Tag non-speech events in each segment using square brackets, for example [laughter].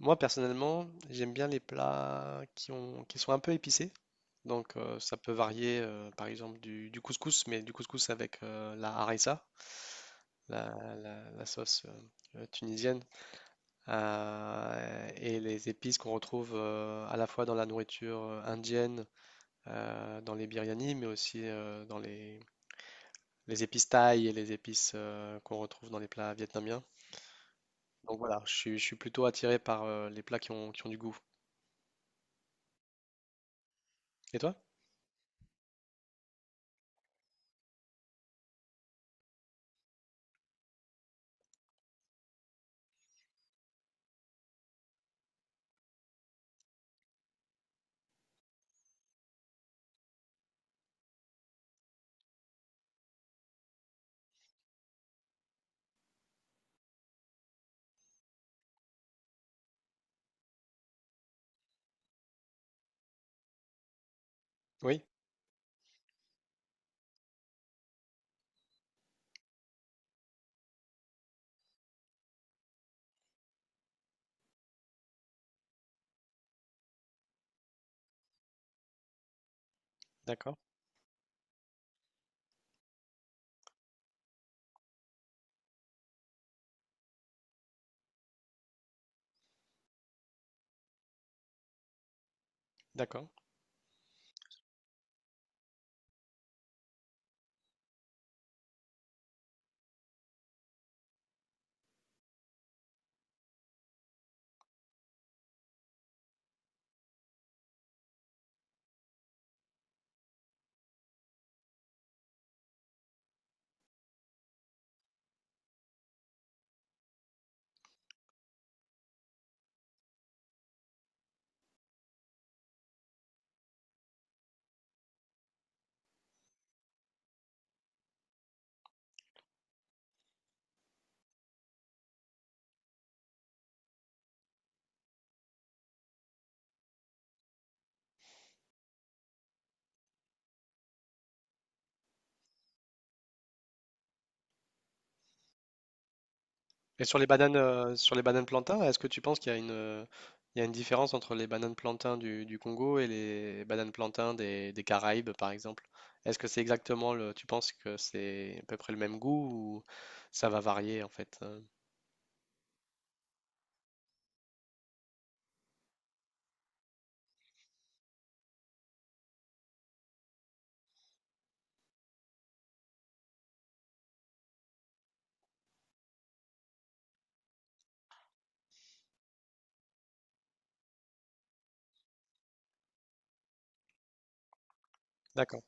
Moi, personnellement, j'aime bien les plats qui sont un peu épicés. Donc, ça peut varier, par exemple, du couscous, mais du couscous avec la harissa, la, la sauce tunisienne, et les épices qu'on retrouve à la fois dans la nourriture indienne, dans les biryani, mais aussi les épices thaï et les épices qu'on retrouve dans les plats vietnamiens. Donc voilà, je suis plutôt attiré par les plats qui ont du goût. Et toi? Oui, d'accord. D'accord. Et sur les bananes plantains, est-ce que tu penses qu'il y a il y a une différence entre les bananes plantains du Congo et les bananes plantains des Caraïbes, par exemple? Est-ce que c'est exactement tu penses que c'est à peu près le même goût ou ça va varier en fait? D'accord.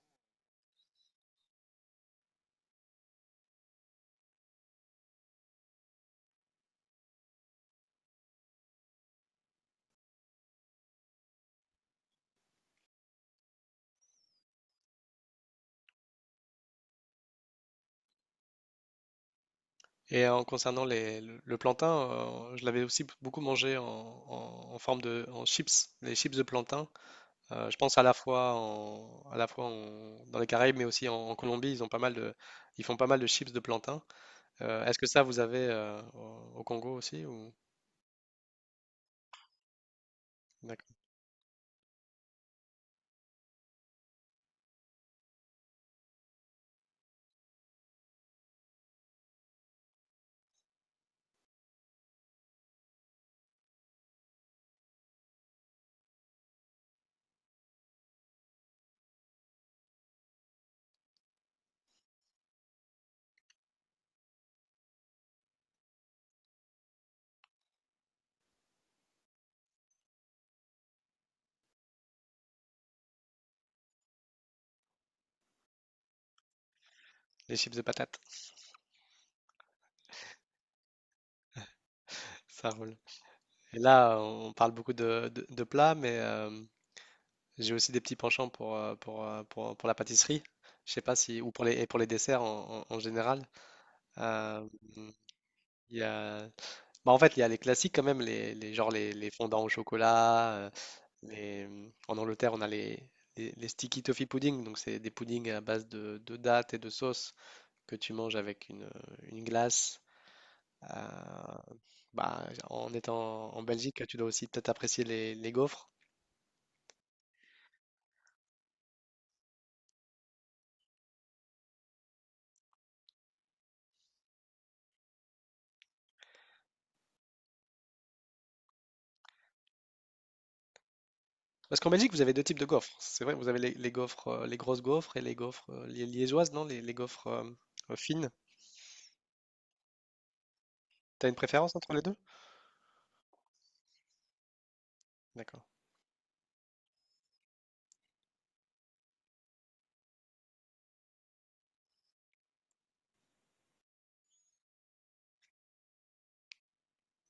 Et en concernant le plantain, je l'avais aussi beaucoup mangé en, en- en forme de en chips, les chips de plantain. Je pense à la fois dans les Caraïbes, mais aussi en, en Colombie, ils font pas mal de chips de plantain. Est-ce que ça, vous avez au au Congo aussi ou... D'accord. Les chips de patates, [laughs] ça roule. Et là, on parle beaucoup de plats, mais j'ai aussi des petits penchants pour, pour la pâtisserie. Je sais pas si, ou pour les, et pour les desserts en général. Euh, il y a, bah, en fait, il y a les classiques quand même, genre les fondants au chocolat. Les, en Angleterre, on a les sticky toffee pudding, donc c'est des puddings à base de dattes et de sauce que tu manges avec une glace. Euh, bah, en étant en Belgique, tu dois aussi peut-être apprécier les gaufres. Parce qu'en Belgique, vous avez deux types de gaufres. C'est vrai, vous avez les gaufres, les grosses gaufres et les gaufres liégeoises, non? Les gaufres fines. T'as une préférence entre les deux? D'accord,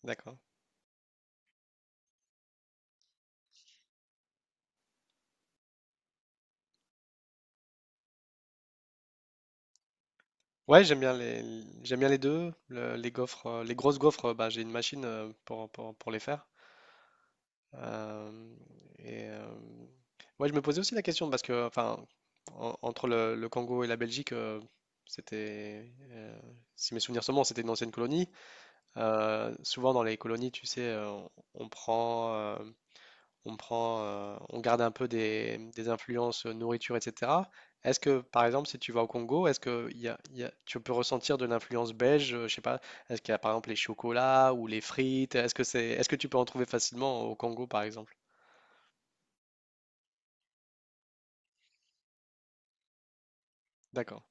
d'accord. Ouais, j'aime bien les deux. Le- les gaufres, les grosses gaufres, bah, j'ai une machine pour, pour les faire. Euh, et moi, je me posais aussi la question parce que, enfin, en- entre le Congo et la Belgique, c'était, euh, si mes souvenirs sont bons, c'était une ancienne colonie. Souvent dans les colonies, tu sais, on prend, on garde un peu des influences nourriture, etc. Est-ce que, par exemple, si tu vas au Congo, est-ce que tu peux ressentir de l'influence belge, je sais pas, est-ce qu'il y a par exemple les chocolats ou les frites? Est-ce que c'est, est-ce que tu peux en trouver facilement au Congo, par exemple? D'accord,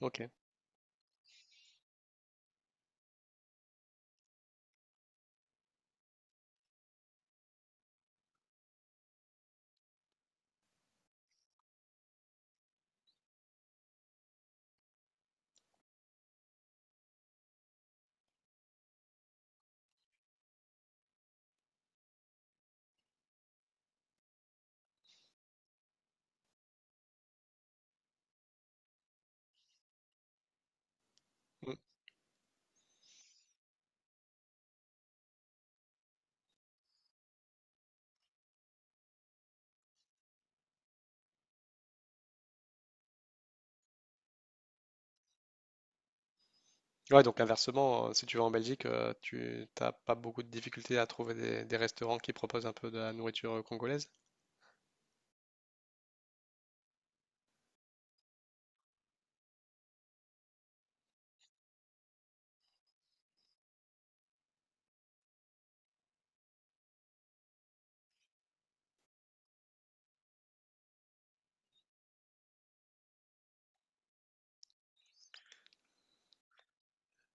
ok. Mm. Ouais, donc inversement, si tu vas en Belgique, tu t'as pas beaucoup de difficultés à trouver des restaurants qui proposent un peu de la nourriture congolaise.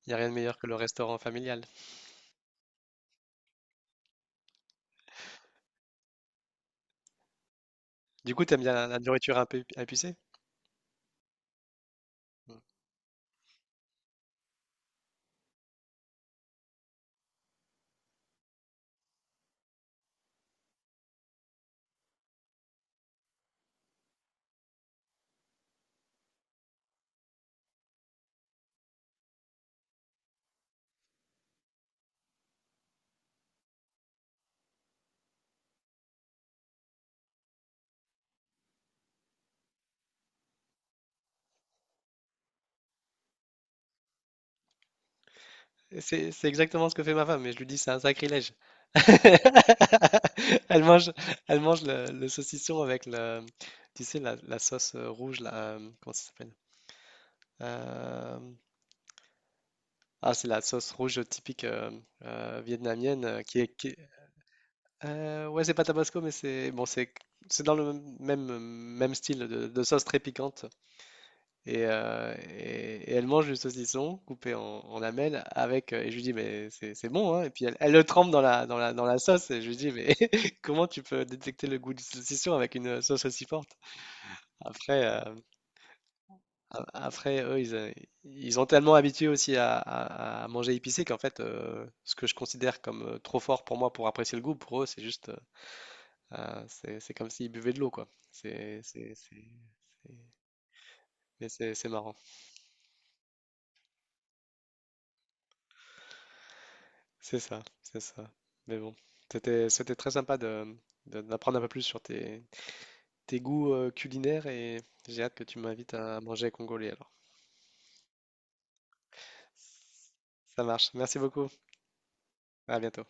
Il n'y a rien de meilleur que le restaurant familial. Du coup, t'aimes bien la nourriture un peu épi- épicée? Mm. Et c'est exactement ce que fait ma femme, mais je lui dis c'est un sacrilège. [laughs] Elle mange, elle mange le saucisson avec le, tu sais, la sauce rouge, là, comment ça s'appelle? Euh, ah, c'est la sauce rouge typique vietnamienne qui est, qui heu, ouais, c'est pas tabasco, mais c'est bon, c'est dans le même même style de sauce très piquante et, et elle mange du saucisson coupé en, en lamelles avec, et je lui dis: «Mais c'est bon, hein?» et puis elle, elle le trempe dans la sauce et je lui dis: «Mais [laughs] comment tu peux détecter le goût du saucisson avec une sauce aussi forte?» après, a après eux, ils, ils ont tellement habitué aussi à manger épicé qu'en fait, ce que je considère comme, trop fort pour moi pour apprécier le goût, pour eux, c'est juste, ah, c'est comme s'ils buvaient de l'eau, quoi. C'est- Mais c'est marrant. C'est ça, c'est ça. Mais bon, c'était très sympa de- d'apprendre un peu plus sur tes, tes goûts culinaires et j'ai hâte que tu m'invites à manger congolais alors. Ça marche. Merci beaucoup. À bientôt.